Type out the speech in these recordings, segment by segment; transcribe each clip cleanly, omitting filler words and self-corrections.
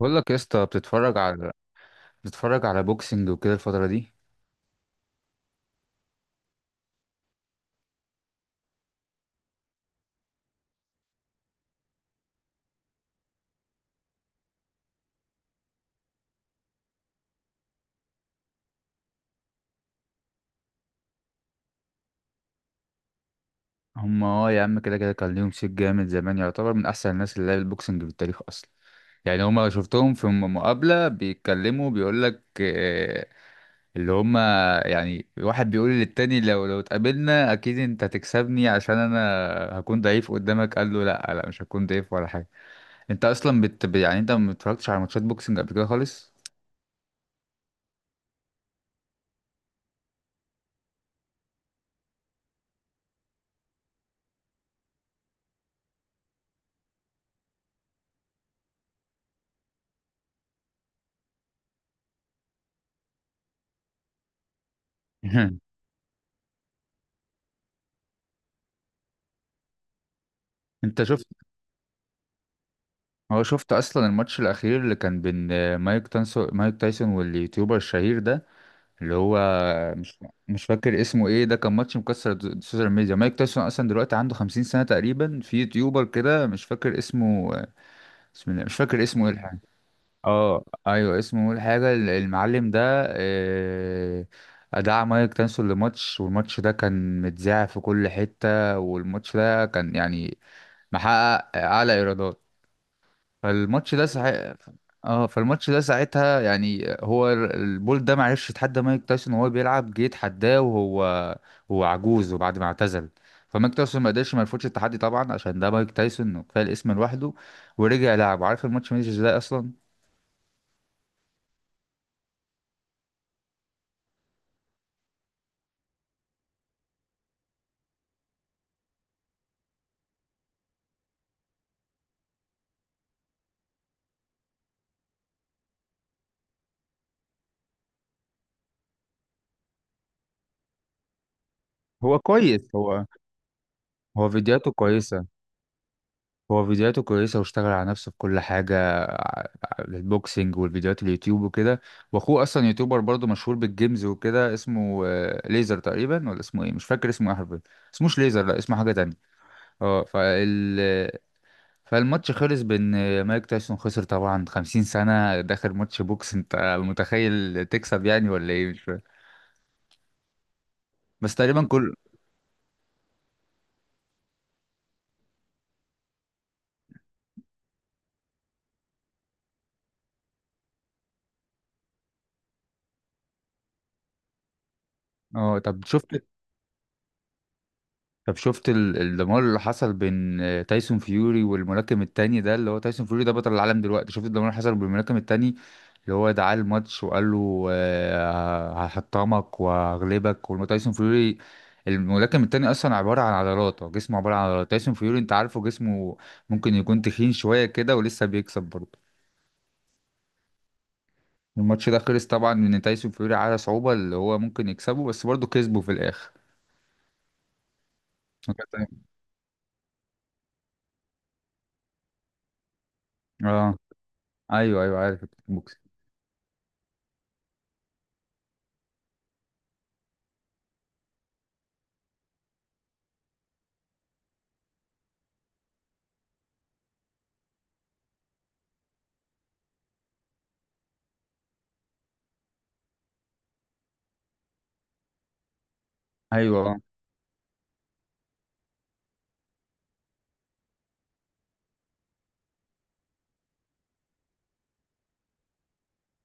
بقول لك يا اسطى بتتفرج على بوكسنج وكده الفترة دي. هم يا عم، كده كده كان ليهم صيت جامد زمان، يعتبر من احسن الناس اللي لعبت بوكسنج في التاريخ اصلا. يعني هم شفتهم في مقابلة بيتكلموا، بيقول لك اللي هم يعني واحد بيقول للتاني: لو اتقابلنا اكيد انت هتكسبني عشان انا هكون ضعيف قدامك. قال له: لا لا، مش هكون ضعيف ولا حاجة. انت اصلا يعني انت ما اتفرجتش على ماتشات بوكسنج قبل كده خالص؟ انت شفت هو شفت اصلا الماتش الاخير اللي كان بين مايك تايسون واليوتيوبر الشهير ده؟ اللي هو مش مش فاكر اسمه ايه، ده كان ماتش مكسر السوشيال ميديا. مايك تايسون اصلا دلوقتي عنده 50 سنة تقريبا، في يوتيوبر كده مش فاكر اسمه، بسم الله، مش فاكر اسمه ايه الحاجة. اه ايوه، اسمه ايه الحاجة المعلم ده؟ آه، دعا مايك تايسون لماتش، والماتش ده كان متذاع في كل حتة، والماتش ده كان يعني محقق اعلى ايرادات. فالماتش ده ساعة اه فالماتش ده ساعتها يعني هو البول ده معرفش يتحدى مايك تايسون وهو بيلعب، جه يتحداه وهو هو عجوز وبعد ما اعتزل. فمايك تايسون ما قدرش ما يرفضش التحدي طبعا عشان ده مايك تايسون وكفايه الاسم لوحده. ورجع لعب. عارف الماتش ماشي ازاي اصلا؟ هو كويس. هو هو فيديوهاته كويسة هو فيديوهاته كويسة واشتغل على نفسه في كل حاجة، البوكسينج والفيديوهات اليوتيوب وكده. واخوه اصلا يوتيوبر برضه مشهور بالجيمز وكده، اسمه ليزر تقريبا، ولا اسمه ايه، مش فاكر اسمه ايه حرفيا. اسموش ليزر، لا اسمه حاجة تانية. اه، فالماتش خلص بان مايك تايسون خسر طبعا. 50 سنة داخل ماتش بوكس، انت متخيل تكسب يعني؟ ولا ايه، مش فاهم. بس تقريبا كل... اه، طب شفت الدمار اللي حصل بين تايسون فيوري والملاكم التاني ده؟ اللي هو تايسون فيوري ده بطل العالم دلوقتي. شفت الدمار اللي حصل بالملاكم التاني؟ اللي هو دعاه الماتش وقال له هحطمك وهغلبك. والتايسون فيوري، الملاكم التاني اصلا عباره عن عضلات، هو جسمه عباره عن عضلات. تايسون فيوري انت عارفه، جسمه ممكن يكون تخين شويه كده ولسه بيكسب برضه. الماتش ده خلص طبعا ان تايسون فيوري على صعوبه اللي هو ممكن يكسبه، بس برضه كسبه في الاخر. اه ايوه ايوه، عارف الكيك بوكس. ايوه، آه.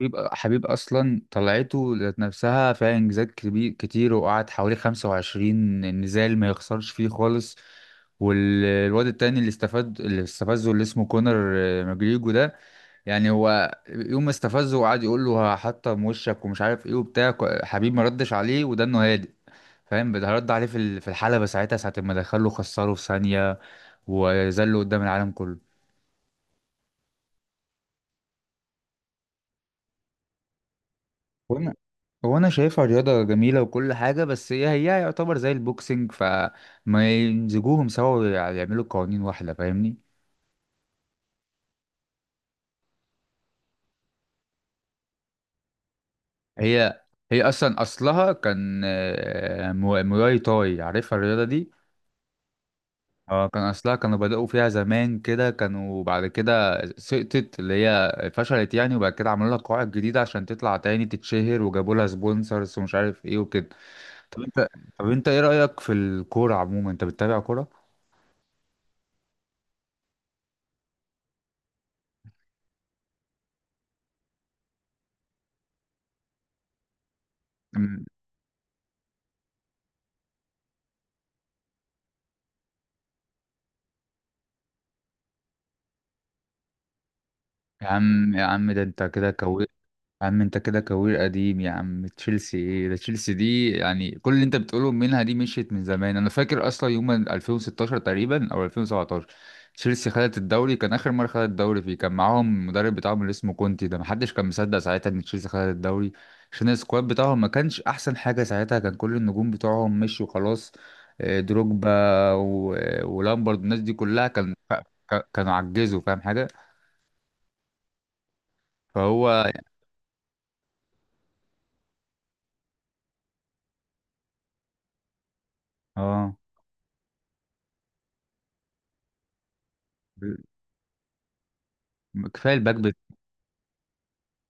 بيبقى حبيب اصلا طلعته ذات نفسها فيها انجازات كبير كتير، وقعد حوالي 25 نزال ما يخسرش فيه خالص. والواد التاني اللي استفاد، اللي استفزه، اللي اسمه كونر ماجريجو ده، يعني هو يوم ما استفزه وقعد يقول له هحطم وشك ومش عارف ايه وبتاع، حبيب ما ردش عليه وده انه هادئ فاهم. ده رد عليه في في الحلبة ساعتها، ساعة ما دخله خسره في ثانية وذله قدام العالم كله. وانا وانا شايفها رياضة جميلة وكل حاجة، بس هي هي يعتبر زي البوكسنج، فما يمزجوهم سوا ويعملوا قوانين واحدة، فاهمني؟ هي هي اصلا اصلها كان مواي تاي، عارفها الرياضة دي؟ اه، كان اصلها، كانوا بدأوا فيها زمان كده، كانوا بعد كده سقطت اللي هي فشلت يعني، وبعد كده عملوا لها قواعد جديدة عشان تطلع تاني تتشهر، وجابوا لها سبونسرز ومش عارف ايه وكده. طب انت طب انت ايه رأيك في الكورة عموما، انت بتتابع كورة؟ يا عم يا عم، ده انت كده كوير. يا عم انت كده كوير قديم يا عم، تشيلسي ايه ده؟ تشيلسي دي يعني كل اللي انت بتقوله منها دي مشيت من زمان. انا فاكر اصلا يوم 2016 تقريبا او 2017، تشيلسي خدت الدوري، كان اخر مره خدت الدوري فيه، كان معاهم المدرب بتاعهم اللي اسمه كونتي ده. محدش كان مصدق ساعتها ان تشيلسي خدت الدوري عشان السكواد بتاعهم ما كانش احسن حاجه ساعتها، كان كل النجوم بتوعهم مشوا خلاص. اه، دروجبا ولامبرد، الناس دي كلها كان كانوا عجزوا، فاهم حاجه. فهو يعني اه، كفايه الباك بت...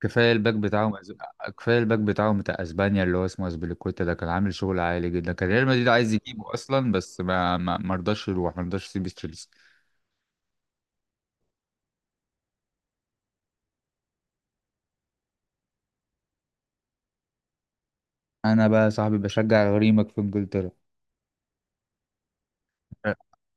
كفايه الباك بتاعهم أز- كفايه الباك بتاعهم بتاع اسبانيا، اللي هو اسمه اسبليكويتا ده، كان عامل شغل عالي جدا، كان ريال مدريد عايز يجيبه اصلا بس ما رضاش يروح، ما رضاش يسيب تشيلسي. انا بقى يا صاحبي بشجع غريمك في انجلترا.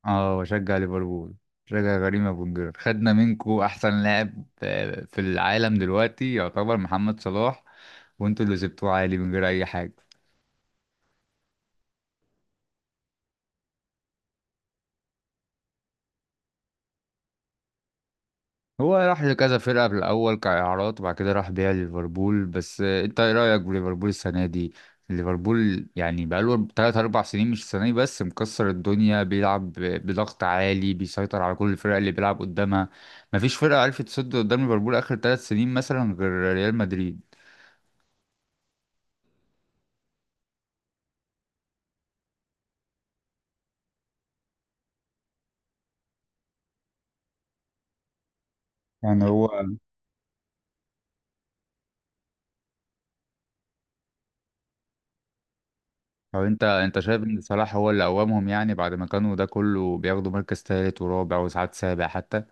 اه، بشجع ليفربول. بشجع غريمه في انجلترا. خدنا منكو احسن لاعب في العالم دلوقتي، يعتبر محمد صلاح، وانتوا اللي سبتوه عالي من غير اي حاجه. هو راح لكذا فرقة في الأول كإعارات وبعد كده راح بيع ليفربول. بس أنت إيه رأيك بليفربول السنة دي؟ ليفربول يعني بقاله 3 أربع سنين مش السنة دي بس، مكسر الدنيا، بيلعب بضغط عالي، بيسيطر على كل الفرق اللي بيلعب قدامها. مفيش فرقة عرفت تصد قدام ليفربول آخر 3 سنين مثلا غير ريال مدريد. يعني هو، طب أنت أنت شايف إن صلاح هو اللي قومهم يعني بعد ما كانوا ده كله بياخدوا مركز تالت ورابع وساعات سابع حتى؟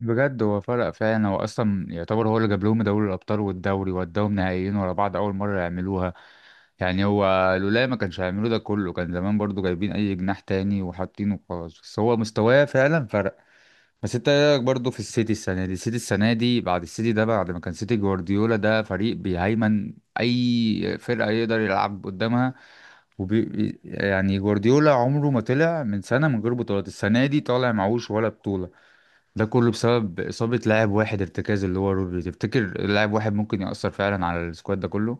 بجد هو فرق فعلا، هو اصلا يعتبر هو اللي جاب لهم دوري الابطال والدوري، وداهم نهائيين ورا بعض اول مره يعملوها. يعني هو لولا ما كانش هيعملوا ده كله، كان زمان برضو جايبين اي جناح تاني وحاطينه خلاص، بس هو مستواه فعلا فرق. بس انت ايه رايك برضو في السيتي السنه دي؟ السيتي السنه دي، بعد السيتي ده، بعد ما كان سيتي جوارديولا ده فريق بيهيمن، اي فرقه يقدر يلعب قدامها، يعني جوارديولا عمره ما طلع من سنه من غير بطولات. السنه دي طالع معهوش ولا بطوله، ده كله بسبب إصابة لاعب واحد ارتكاز اللي هو رودري. تفتكر لاعب واحد ممكن يأثر فعلا على السكواد ده كله؟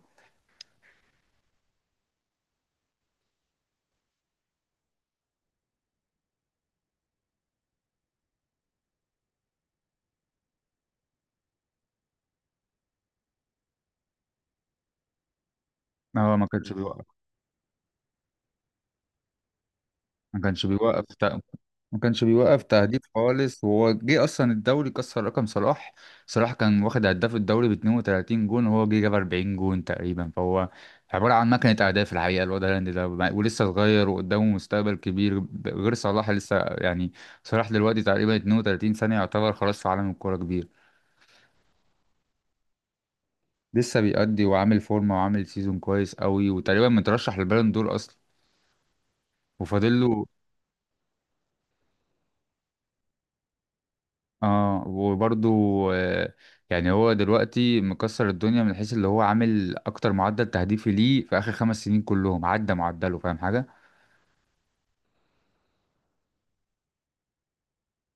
هو ما كانش بيوقف. ما كانش بيوقف تق- ما كانش بيوقف تهديف خالص، وهو جه أصلا الدوري كسر رقم صلاح. صلاح كان واخد هداف الدوري ب 32 جون وهو جه جاب 40 جون تقريبا، فهو عبارة عن مكنة أهداف الحقيقة الواد هالاند ده، ولسه صغير وقدامه مستقبل كبير، غير صلاح لسه يعني. صلاح دلوقتي تقريبا 32 سنة، يعتبر خلاص في عالم الكورة كبير. لسه بيأدي وعامل فورمة وعامل سيزون كويس قوي، وتقريبا مترشح للبالون دور أصلا. وفاضل له. اه وبرضه آه يعني هو دلوقتي مكسر الدنيا، من حيث اللي هو عامل أكتر معدل تهديفي ليه في آخر 5 سنين كلهم عدى معدله، فاهم حاجة؟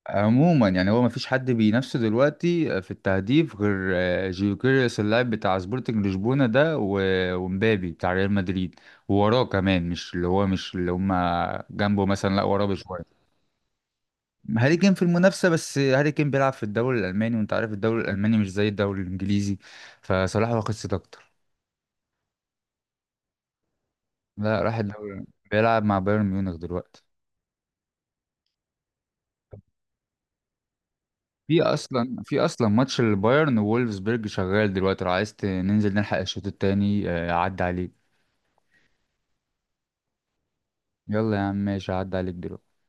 عموما يعني هو مفيش حد بينافسه دلوقتي في التهديف غير جيوكيريوس اللاعب بتاع سبورتنج لشبونة ده، ومبابي بتاع ريال مدريد. ووراه كمان، مش اللي هو مش اللي هما جنبه مثلا، لا وراه بشوية. هاري كين في المنافسة، بس هاري كين بيلعب في الدوري الألماني وأنت عارف الدوري الألماني مش زي الدوري الإنجليزي، فصلاح واخد صيت أكتر. لا راح الدوري. بيلعب مع بايرن ميونخ دلوقتي. في أصلا ماتش البايرن وولفسبرج شغال دلوقتي، لو عايز ننزل نلحق الشوط التاني، أعدي عليك. يلا يا عم ماشي، أعدي عليك دلوقتي.